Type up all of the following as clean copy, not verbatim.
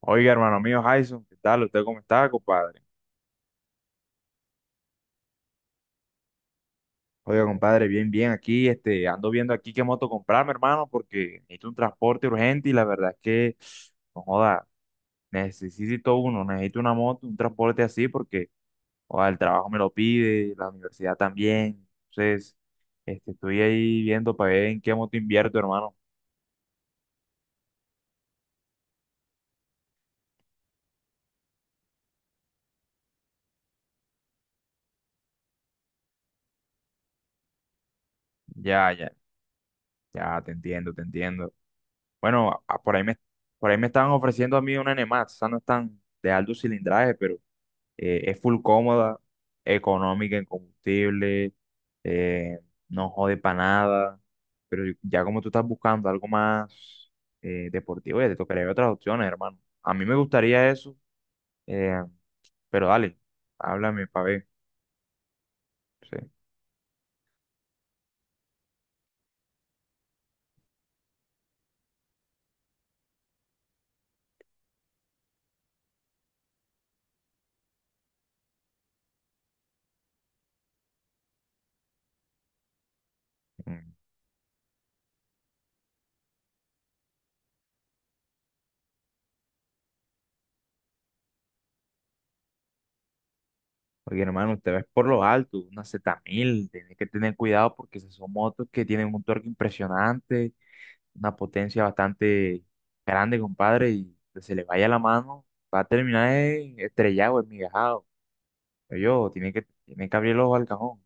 Oiga, hermano mío, Jason, ¿qué tal? ¿Usted cómo está, compadre? Oiga, compadre, bien, bien, aquí, ando viendo aquí qué moto comprarme, hermano, porque necesito un transporte urgente y la verdad es que, no joda, necesito uno, necesito una moto, un transporte así, porque, joda, el trabajo me lo pide, la universidad también, entonces, estoy ahí viendo para ver en qué moto invierto, hermano. Ya, ya, ya, te entiendo, te entiendo. Bueno, por ahí por ahí me estaban ofreciendo a mí una NMAX, esa no es tan de alto cilindraje, pero es full cómoda, económica en combustible, eh, no jode para nada, pero ya como tú estás buscando algo más deportivo, ya te tocaría ver otras opciones, hermano. A mí me gustaría eso, eh, pero dale, háblame para ver. Sí. Mm. Porque hermano, usted ves por lo alto, una Z1000 tiene que tener cuidado porque esas son motos que tienen un torque impresionante, una potencia bastante grande, compadre, y que se le vaya la mano, va a terminar estrellado, enmigajado. Tiene tiene que abrir el ojo al cajón.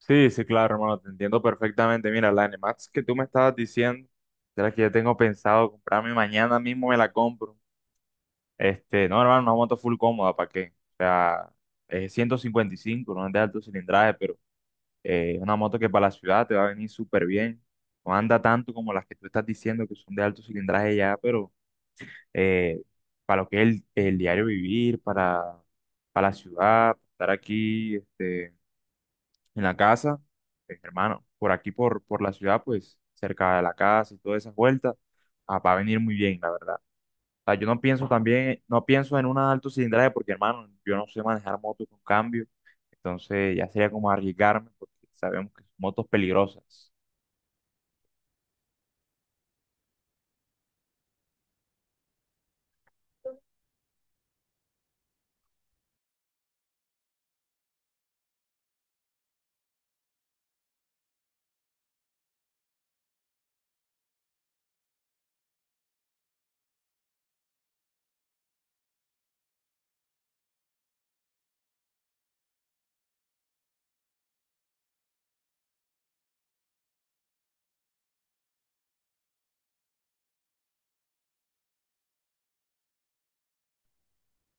Sí, sí, claro, hermano, te entiendo perfectamente. Mira, la N Max que tú me estabas diciendo, de la que yo tengo pensado comprarme mañana mismo, me la compro. No, hermano, una moto full cómoda, ¿para qué? O sea, es 155, no es de alto cilindraje, pero es una moto que para la ciudad te va a venir súper bien. No anda tanto como las que tú estás diciendo que son de alto cilindraje ya, pero eh, para lo que es el diario vivir, para la ciudad, estar aquí en la casa, hermano, por aquí, por la ciudad, pues cerca de la casa y todas esas vueltas, ah, va a venir muy bien, la verdad sea, yo no pienso también, no pienso en una alto cilindraje porque, hermano, yo no sé manejar motos con cambio, entonces ya sería como arriesgarme porque sabemos que son motos peligrosas.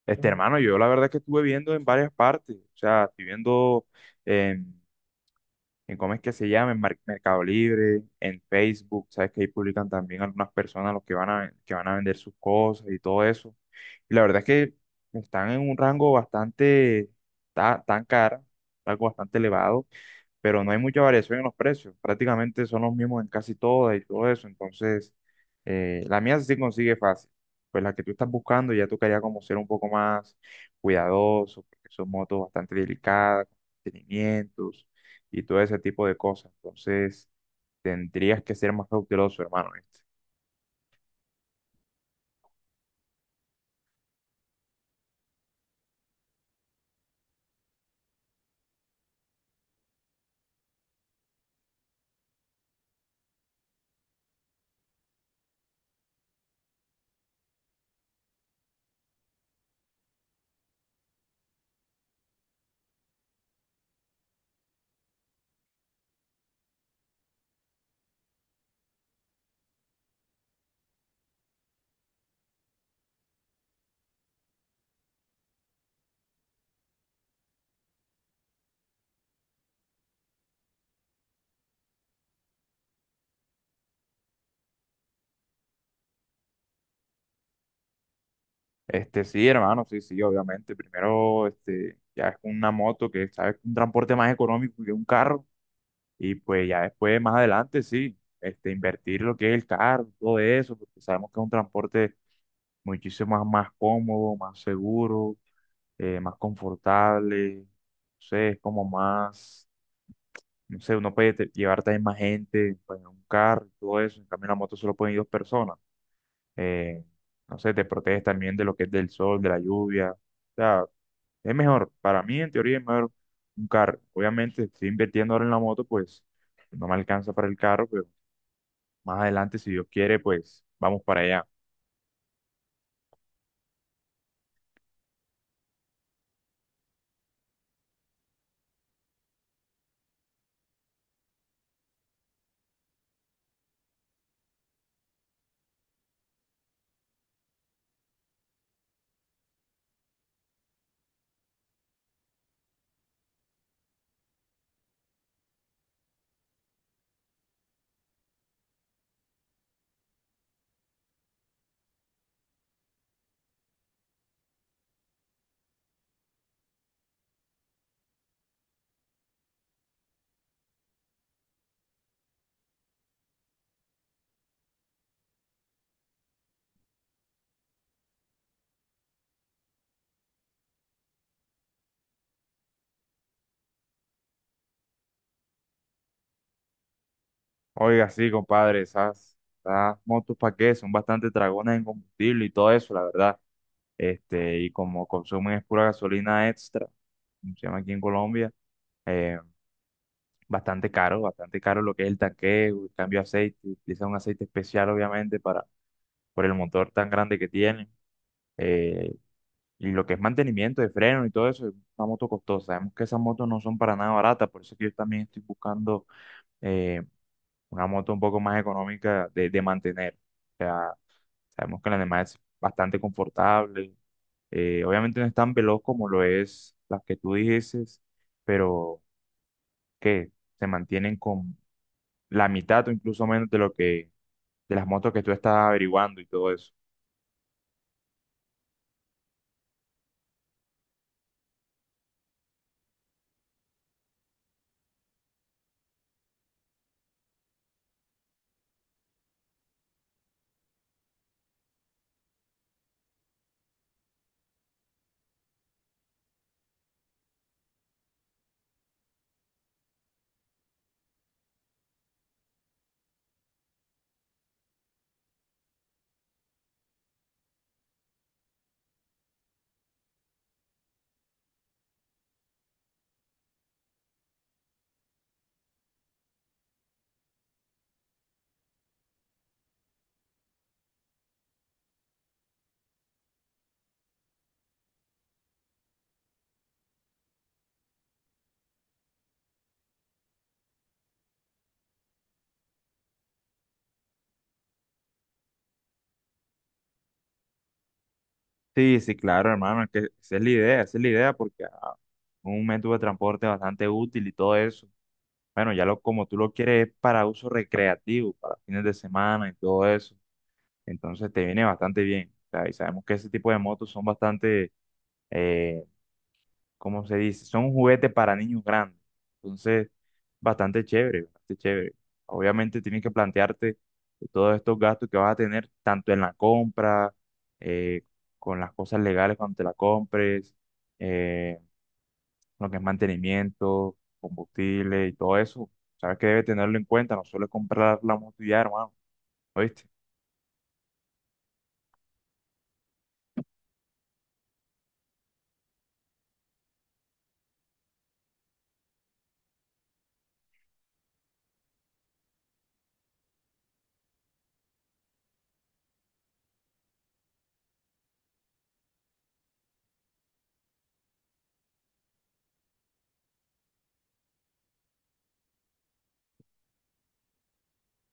Ujú. Hermano, yo la verdad es que estuve viendo en varias partes, o sea, estoy viendo en, en cómo es que se llama, en Mercado Libre, en Facebook, sabes que ahí publican también algunas personas los que van a vender sus cosas y todo eso. Y la verdad es que están en un rango bastante tan, cara, algo bastante elevado. Pero no hay mucha variación en los precios. Prácticamente son los mismos en casi todas y todo eso. Entonces, la mía sí consigue fácil. Pues la que tú estás buscando ya tocaría como ser un poco más cuidadoso, porque son motos bastante delicadas, con mantenimientos y todo ese tipo de cosas. Entonces, tendrías que ser más cauteloso, hermano. Sí, hermano, sí, sí, obviamente. Primero, ya es una moto que sabes que es un transporte más económico que un carro. Y pues ya después, más adelante, sí, invertir lo que es el carro, todo eso, porque sabemos que es un transporte muchísimo más, más cómodo, más seguro, más confortable, no sé, es como más, no sé, uno puede llevar también más gente, pues en un carro, y todo eso, en cambio en la moto solo pueden ir dos personas, eh, no sé, te proteges también de lo que es del sol, de la lluvia, o sea, es mejor, para mí en teoría es mejor un carro, obviamente estoy invirtiendo ahora en la moto, pues no me alcanza para el carro, pero más adelante, si Dios quiere, pues vamos para allá. Oiga, sí, compadre, esas, esas motos para qué, son bastante dragones en combustible y todo eso, la verdad. Y como consumen es pura gasolina extra, como se llama aquí en Colombia, eh, bastante caro lo que es el tanqueo, el cambio de aceite, utilizan un aceite especial, obviamente, para, por el motor tan grande que tienen. eh, y lo que es mantenimiento de freno y todo eso, es una moto costosa. Sabemos que esas motos no son para nada baratas, por eso que yo también estoy buscando eh, una moto un poco más económica de mantener. O sea, sabemos que la demás es bastante confortable. Obviamente no es tan veloz como lo es las que tú dices, pero que se mantienen con la mitad o incluso menos de lo que de las motos que tú estás averiguando y todo eso. Sí, sí, claro, hermano, es que esa es la idea, esa es la idea porque ah, un método de transporte bastante útil y todo eso. Bueno, ya lo como tú lo quieres es para uso recreativo, para fines de semana y todo eso. Entonces te viene bastante bien. O sea, y sabemos que ese tipo de motos son bastante, eh, ¿cómo se dice? Son un juguete para niños grandes. Entonces, bastante chévere, bastante chévere. Obviamente tienes que plantearte todos estos gastos que vas a tener, tanto en la compra, eh, con las cosas legales cuando te la compres, eh, lo que es mantenimiento, combustible y todo eso. Sabes que debes tenerlo en cuenta, no solo es comprar la moto y ya, hermano. ¿Oíste?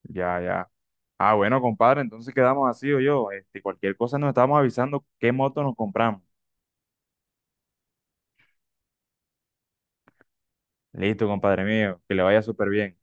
Ya, ya. Ah, bueno, compadre, entonces quedamos así o yo. Cualquier cosa nos estamos avisando qué moto nos compramos. Listo, compadre mío, que le vaya súper bien.